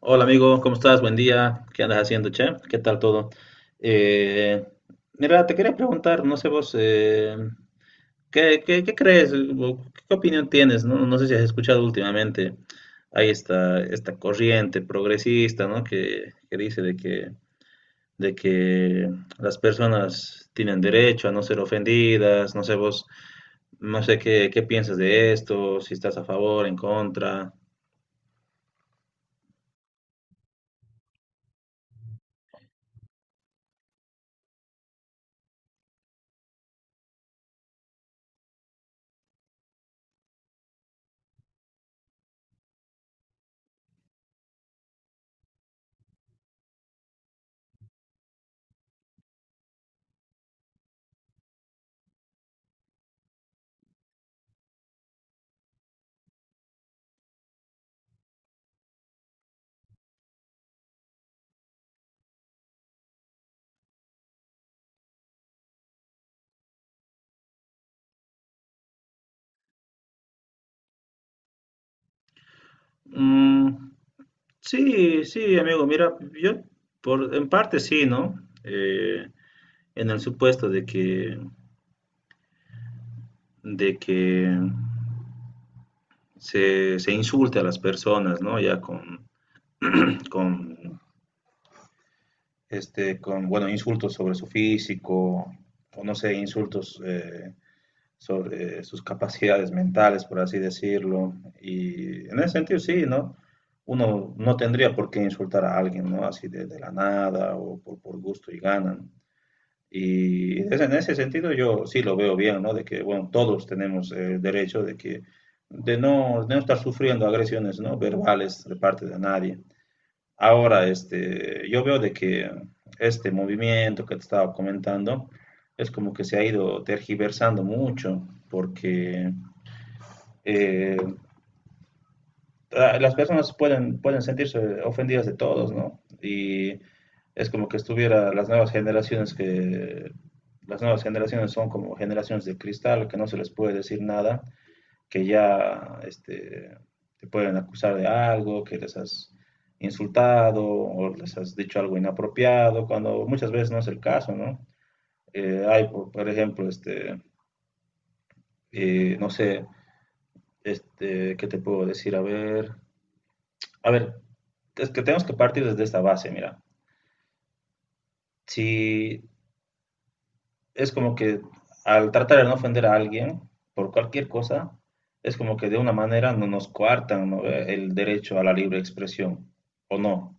Hola amigo, ¿cómo estás? Buen día. ¿Qué andas haciendo, che? ¿Qué tal todo? Eh, Mira, te quería preguntar, no sé vos, ¿Qué crees? O ¿qué opinión tienes? No sé si has escuchado últimamente, hay esta corriente progresista, ¿no? Que dice de que las personas tienen derecho a no ser ofendidas, no sé vos, no sé qué piensas de esto, si estás a favor, en contra. Mm, sí, sí, amigo, mira, yo en parte sí, ¿no? Eh, en el supuesto de que se insulte a las personas, ¿no? Ya con, con bueno, insultos sobre su físico, o no sé, insultos, sobre sus capacidades mentales, por así decirlo. Y en ese sentido, sí, ¿no? Uno no tendría por qué insultar a alguien, ¿no? Así de la nada o por gusto y ganan. En ese sentido yo sí lo veo bien, ¿no? De que, bueno, todos tenemos el derecho de de de no estar sufriendo agresiones, ¿no? Verbales de parte de nadie. Ahora, este, yo veo de que este movimiento que te estaba comentando es como que se ha ido tergiversando mucho, porque eh, las personas pueden sentirse ofendidas de todos, ¿no? Y es como que estuviera las nuevas generaciones son como generaciones de cristal, que no se les puede decir nada, que ya este, te pueden acusar de algo, que les has insultado o les has dicho algo inapropiado, cuando muchas veces no es el caso, ¿no? Hay, ejemplo, este, no sé, este, ¿qué te puedo decir? A ver, es que tenemos que partir desde esta base, mira. Si es como que al tratar de no ofender a alguien por cualquier cosa, es como que de una manera no nos coartan, ¿no?, el derecho a la libre expresión, ¿o no?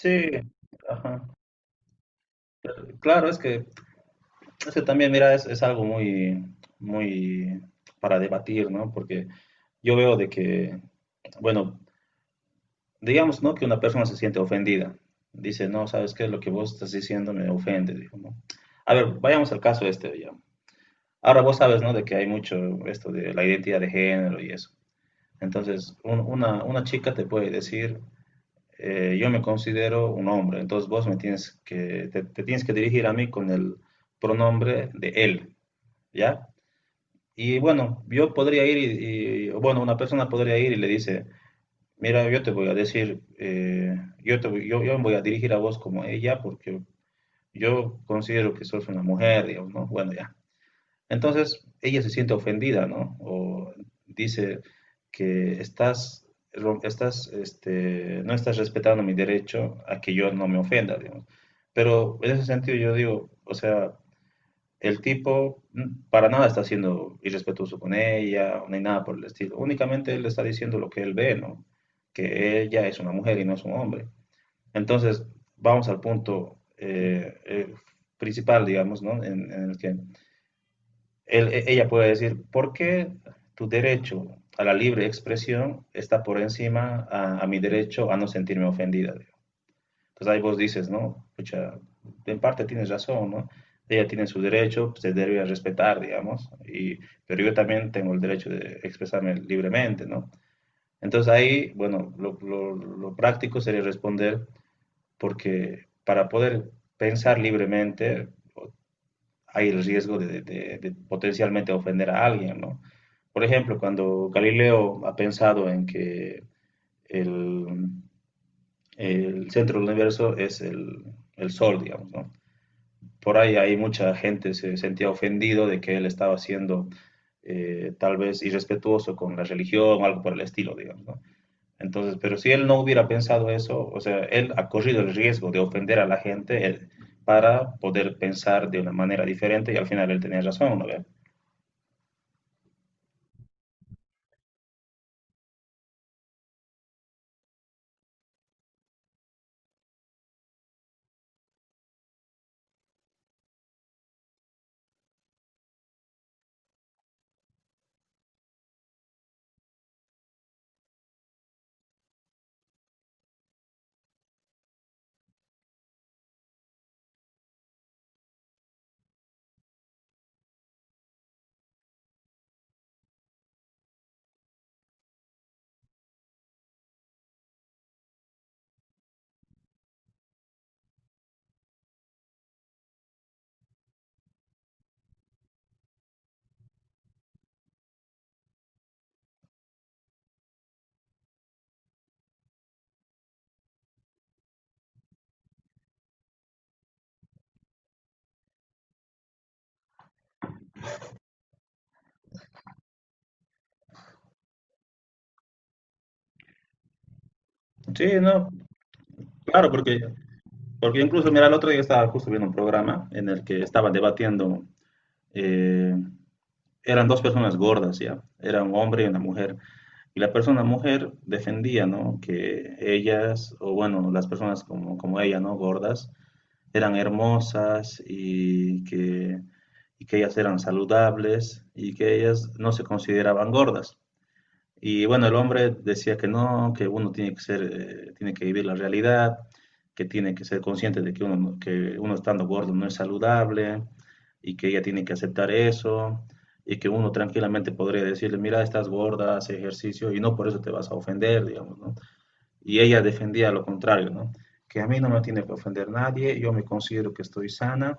Sí, ajá. Claro, es que también, mira, es algo muy, muy para debatir, ¿no? Porque yo veo de que, bueno, digamos, ¿no? Que una persona se siente ofendida. Dice, no, ¿sabes qué? Lo que vos estás diciendo me ofende, dijo, ¿no? A ver, vayamos al caso este, ya. Ahora vos sabes, ¿no?, de que hay mucho esto de la identidad de género y eso. Entonces, una chica te puede decir, yo me considero un hombre, entonces vos me tienes que, te tienes que dirigir a mí con el pronombre de él, ¿ya? Y bueno, yo podría ir bueno, una persona podría ir y le dice, mira, yo te voy a decir, yo me voy a dirigir a vos como ella porque yo considero que sos una mujer, digamos, ¿no? Bueno, ya. Entonces ella se siente ofendida, ¿no? O dice que estás, estás, este, no estás respetando mi derecho a que yo no me ofenda, digamos. Pero en ese sentido yo digo, o sea, el tipo para nada está siendo irrespetuoso con ella, ni nada por el estilo. Únicamente él le está diciendo lo que él ve, ¿no? Que ella es una mujer y no es un hombre. Entonces, vamos al punto principal, digamos, ¿no?, en, el que ella puede decir, ¿por qué tu derecho a la libre expresión está por encima a mi derecho a no sentirme ofendida?, digo. Entonces ahí vos dices, ¿no? Pucha, en parte tienes razón, ¿no? Ella tiene su derecho, pues, se debe respetar, digamos, y, pero yo también tengo el derecho de expresarme libremente, ¿no? Entonces ahí, bueno, lo práctico sería responder porque para poder pensar libremente, hay el riesgo de, de potencialmente ofender a alguien, ¿no? Por ejemplo, cuando Galileo ha pensado en que el, el centro del universo es el Sol, digamos, ¿no? Por ahí hay mucha gente se sentía ofendido de que él estaba siendo tal vez irrespetuoso con la religión, algo por el estilo, digamos, ¿no? Entonces, pero si él no hubiera pensado eso, o sea, él ha corrido el riesgo de ofender a la gente él, para poder pensar de una manera diferente y al final él tenía razón, ¿no ve? Sí, no, claro, porque, porque incluso, mira, el otro día estaba justo viendo un programa en el que estaba debatiendo, eh, eran dos personas gordas, ¿ya? Era un hombre y una mujer. Y la persona mujer defendía, ¿no? Que ellas, o bueno, las personas como ella, ¿no? Gordas, eran hermosas y que ellas eran saludables y que ellas no se consideraban gordas. Y bueno, el hombre decía que no, que uno tiene que ser, tiene que vivir la realidad, que tiene que ser consciente de que uno, que uno estando gordo no es saludable y que ella tiene que aceptar eso y que uno tranquilamente podría decirle, mira, estás gorda, haz ejercicio y no por eso te vas a ofender, digamos, ¿no? Y ella defendía lo contrario, ¿no? Que a mí no me tiene que ofender nadie, yo me considero que estoy sana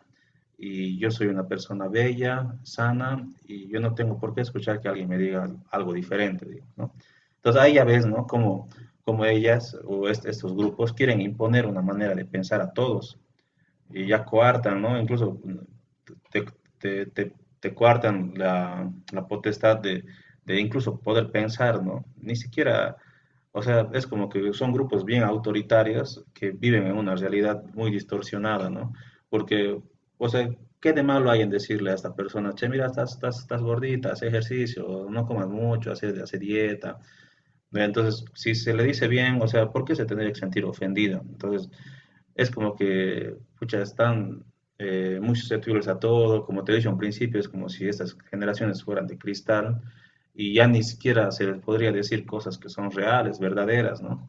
y yo soy una persona bella, sana y yo no tengo por qué escuchar que alguien me diga algo diferente, digamos, ¿no? Entonces ahí ya ves, ¿no? Como, como ellas o estos grupos quieren imponer una manera de pensar a todos y ya coartan, ¿no? Incluso te, te, te, te coartan la potestad de, incluso poder pensar, ¿no? Ni siquiera, o sea, es como que son grupos bien autoritarios que viven en una realidad muy distorsionada, ¿no? Porque, o sea, ¿qué de malo hay en decirle a esta persona, che, mira, estás gordita, haz ejercicio, no comas mucho, hace dieta? Entonces, si se le dice bien, o sea, ¿por qué se tendría que sentir ofendida? Entonces, es como que, pucha, están muy susceptibles a todo, como te dije dicho en principio, es como si estas generaciones fueran de cristal y ya ni siquiera se les podría decir cosas que son reales, verdaderas, ¿no?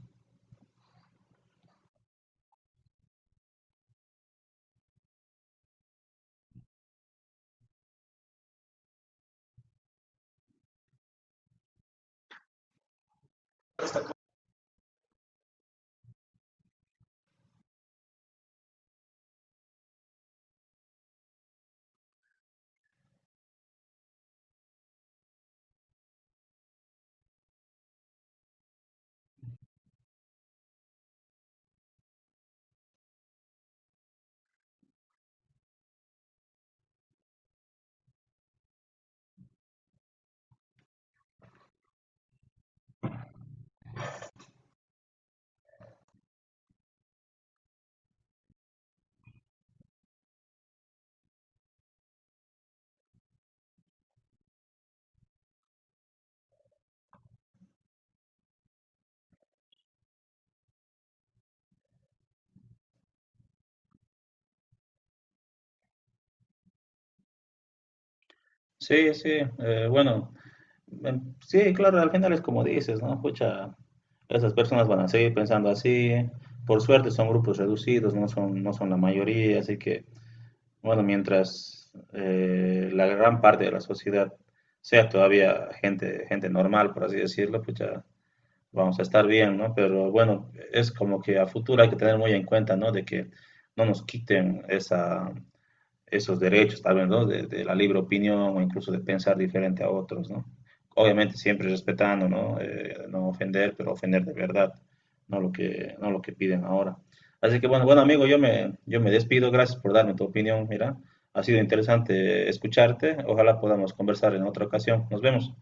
Sí, sí, bueno, sí, claro, al final es como dices, ¿no? Pucha, esas personas van a seguir pensando así, por suerte son grupos reducidos, no son la mayoría, así que bueno, mientras la gran parte de la sociedad sea todavía gente normal, por así decirlo, pues ya vamos a estar bien, ¿no? Pero bueno, es como que a futuro hay que tener muy en cuenta, ¿no? De que no nos quiten esa, esos derechos, tal vez, ¿no? De, la libre opinión o incluso de pensar diferente a otros, ¿no? Obviamente siempre respetando, ¿no? No ofender, pero ofender de verdad, no lo que, no lo que piden ahora. Así que bueno, bueno amigo, yo me despido, gracias por darme tu opinión, mira, ha sido interesante escucharte, ojalá podamos conversar en otra ocasión, nos vemos.